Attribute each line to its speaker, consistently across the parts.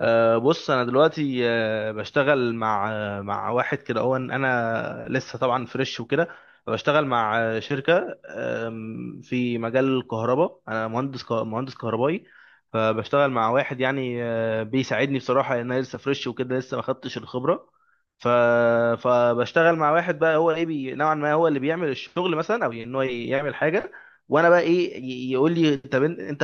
Speaker 1: بص، انا دلوقتي بشتغل مع مع واحد كده، هو انا لسه طبعا فريش وكده. بشتغل مع شركه في مجال الكهرباء، انا مهندس مهندس كهربائي. فبشتغل مع واحد يعني بيساعدني بصراحه، لان انا لسه فريش وكده، لسه ما خدتش الخبره. ف فبشتغل مع واحد بقى، هو ايه، بي نوعا ما هو اللي بيعمل الشغل مثلا، او ان هو يعمل حاجه وانا بقى ايه، يقول لي طب انت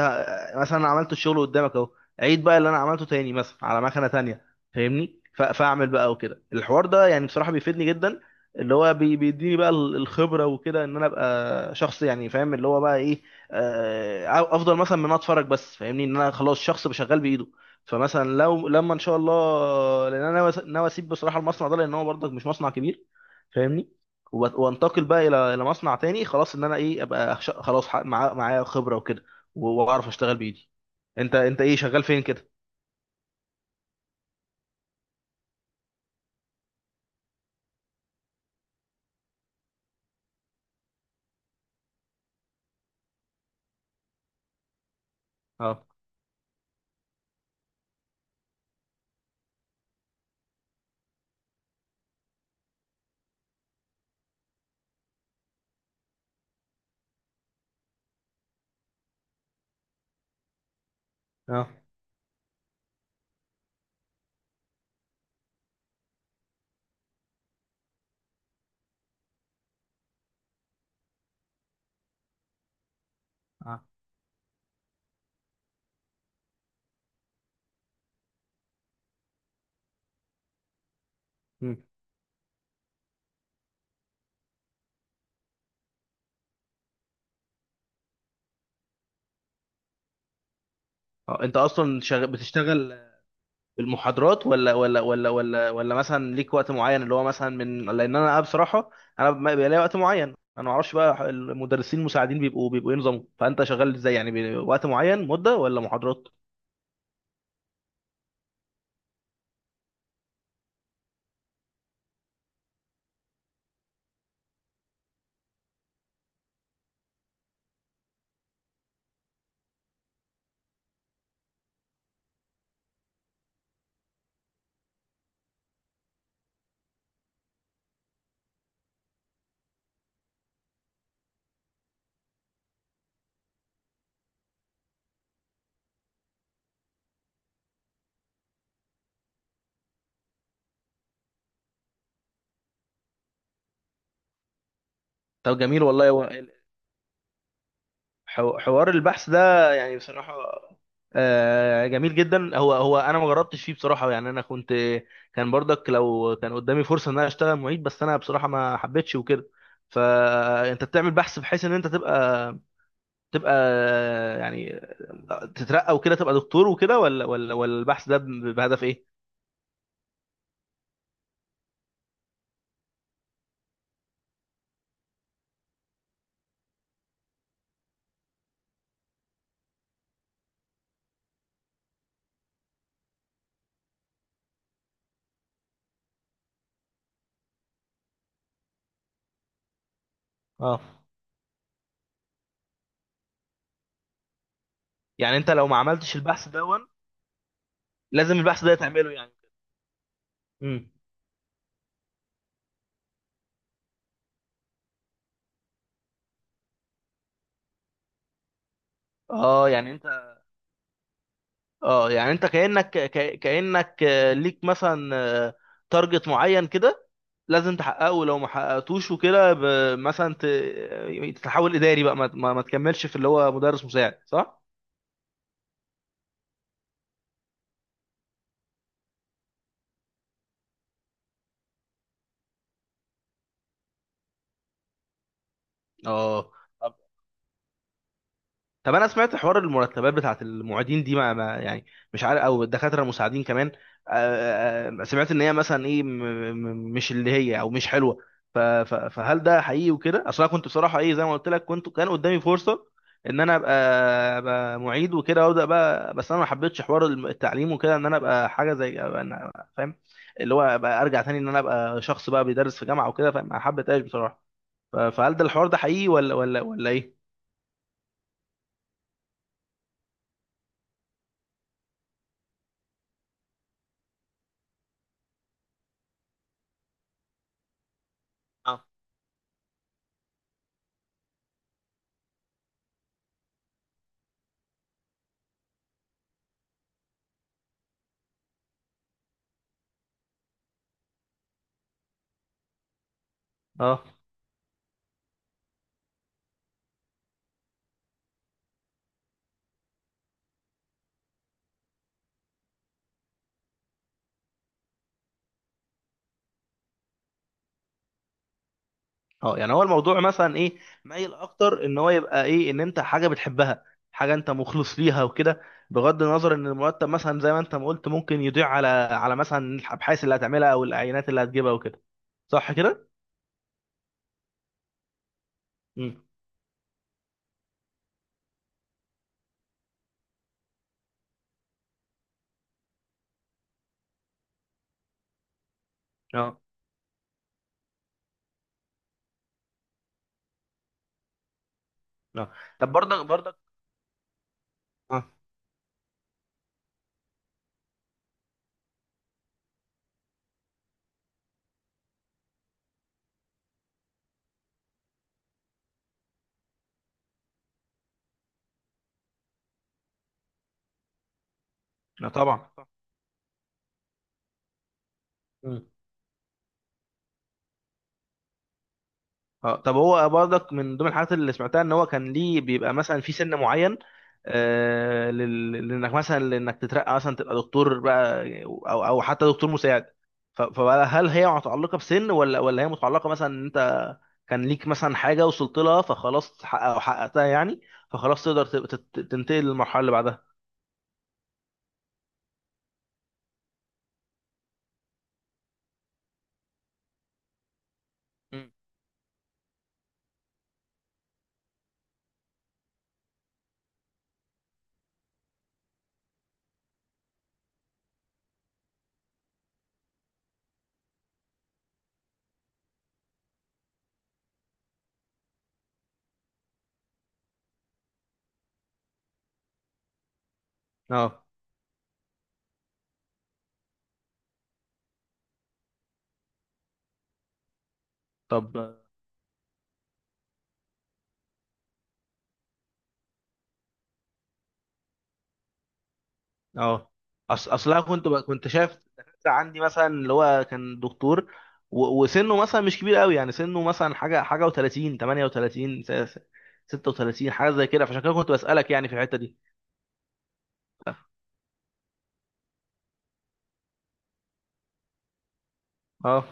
Speaker 1: مثلا عملت الشغل قدامك اهو، عيد بقى اللي انا عملته تاني مثلا على مكنه تانية، فاهمني؟ فاعمل بقى وكده. الحوار ده يعني بصراحه بيفيدني جدا، اللي هو بيديني بقى الخبره وكده، ان انا ابقى شخص يعني فاهم اللي هو بقى ايه، افضل مثلا من أنا اتفرج بس، فاهمني؟ ان انا خلاص شخص بشغال بايده. فمثلا لما ان شاء الله، لان انا ناوي اسيب بصراحه المصنع ده، لان هو برضك مش مصنع كبير، فاهمني؟ وانتقل بقى الى مصنع تاني، خلاص ان انا ايه خلاص معايا خبره وكده، واعرف اشتغل بايدي. انت ايه شغال فين كده؟ اه. اه. اه. مم. اه، انت اصلا بتشتغل بالمحاضرات ولا مثلا ليك وقت معين، اللي هو مثلا من، لان انا بصراحه انا ما بيبقى ليا وقت معين، انا ما اعرفش بقى المدرسين المساعدين بيبقوا ايه نظامهم، فانت شغال ازاي يعني؟ وقت معين، مده، ولا محاضرات؟ طب جميل والله. حوار البحث ده يعني بصراحة جميل جدا. هو انا ما جربتش فيه بصراحة، يعني انا كنت، كان برضك لو كان قدامي فرصة ان انا اشتغل معيد، بس انا بصراحة ما حبيتش وكده. فانت بتعمل بحث بحيث ان انت تبقى، تبقى يعني تترقى وكده، تبقى دكتور وكده، ولا البحث ده بهدف ايه؟ اه، يعني انت لو ما عملتش البحث ده، لازم البحث ده تعمله يعني؟ امم اه يعني انت، اه يعني انت كأنك كأنك ليك مثلا تارجت معين كده لازم تحققه، لو ما حققتوش وكده مثلا تتحول إداري بقى، ما تكملش في اللي هو مدرس مساعد، صح؟ اه. طب انا سمعت حوار المرتبات بتاعت المعيدين دي، يعني مش عارف، او الدكاتره المساعدين كمان، سمعت ان هي مثلا ايه، مش اللي هي، او مش حلوه. فهل ده حقيقي وكده؟ اصل انا كنت بصراحه ايه، زي ما قلت لك، كنت، كان قدامي فرصه ان انا ابقى معيد وكده وابدا بقى، بس انا ما حبيتش حوار التعليم وكده، ان انا ابقى حاجه زي فاهم؟ اللي هو ابقى ارجع تاني ان انا ابقى شخص بقى بيدرس في جامعه وكده، فما حبيتهاش بصراحه. فهل ده الحوار ده حقيقي ولا ايه؟ آه. اه. اه، يعني هو الموضوع مثلا ايه، مايل اكتر ان هو يبقى ايه؟ ان انت حاجه بتحبها، حاجه انت مخلص ليها وكده، بغض النظر ان المرتب مثلا زي ما انت ما قلت، ممكن يضيع على مثلا الابحاث اللي هتعملها، او العينات اللي هتجيبها وكده، صح كده؟ امم. اه. اه، طب برضك، اه. لا طبعا. اه، طب هو برضك من ضمن الحاجات اللي سمعتها ان هو كان ليه بيبقى مثلا في سن معين، لانك مثلا، تترقى مثلا تبقى دكتور بقى، او او حتى دكتور مساعد. فهل هي متعلقه بسن، ولا هي متعلقه مثلا ان انت كان ليك مثلا حاجه وصلت لها فخلاص، تحقق- او حققتها يعني، فخلاص تقدر تبقى تنتقل للمرحله اللي بعدها؟ مم. اه. طب، اه، اصلا كنت شايف دكاترة عندي، مثلا اللي هو كان دكتور وسنه مثلا مش كبير قوي، يعني سنه مثلا حاجه حاجه و30 38 36 حاجه زي كده، فعشان كده كنت بسالك يعني في الحته دي. اه.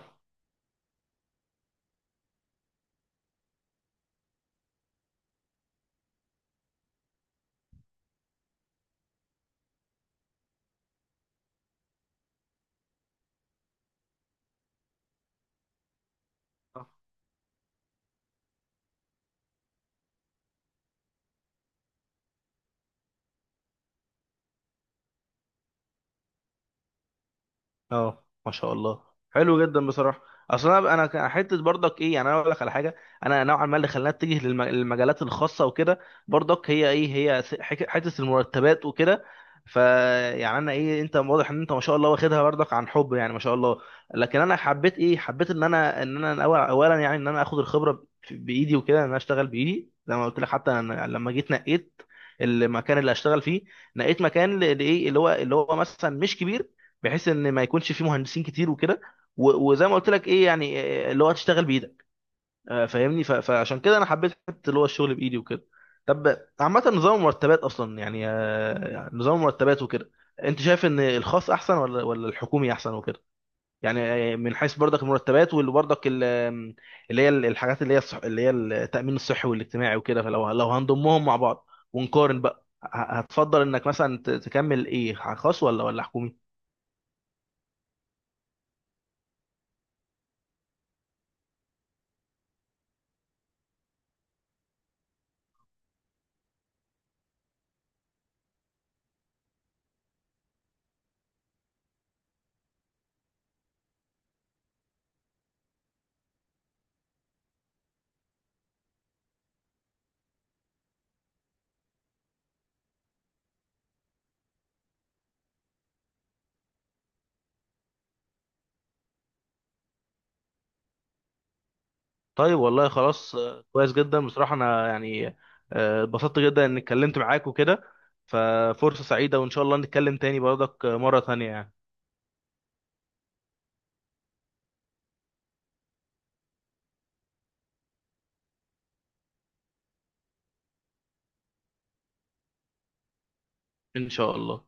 Speaker 1: اه، ما شاء الله، حلو جدا بصراحه. اصل انا كان حته برضك ايه، يعني انا اقول لك على حاجه، انا نوعا ما اللي خلاني اتجه للمجالات الخاصه وكده، برضك هي ايه، هي حته المرتبات وكده. فيعني انا ايه، انت واضح ان انت ما شاء الله واخدها برضك عن حب، يعني ما شاء الله. لكن انا حبيت ايه، حبيت ان انا، اولا يعني ان انا اخد الخبره بايدي وكده، ان انا اشتغل بايدي زي ما قلت لك. حتى أنا لما جيت نقيت المكان اللي هشتغل فيه، نقيت مكان لايه، اللي هو مثلا مش كبير بحيث ان ما يكونش فيه مهندسين كتير وكده. وزي ما قلت لك ايه يعني، اللي هو تشتغل بايدك، فاهمني؟ فعشان كده انا حبيت حته اللي هو الشغل بايدي وكده. طب عامه نظام المرتبات اصلا، يعني يعني نظام المرتبات وكده، انت شايف ان الخاص احسن ولا الحكومي احسن وكده؟ يعني من حيث برضك المرتبات، واللي برضك ال- آم، اللي هي الحاجات، اللي هي التامين الصحي والاجتماعي وكده، فلو هنضمهم مع بعض ونقارن بقى، هتفضل انك مثلا تكمل ايه، خاص ولا حكومي؟ طيب والله خلاص، كويس جدا بصراحة، أنا يعني اتبسطت جدا إني اتكلمت معاك وكده، ففرصة سعيدة وإن شاء الله نتكلم تاني برضك مرة تانية يعني. إن شاء الله.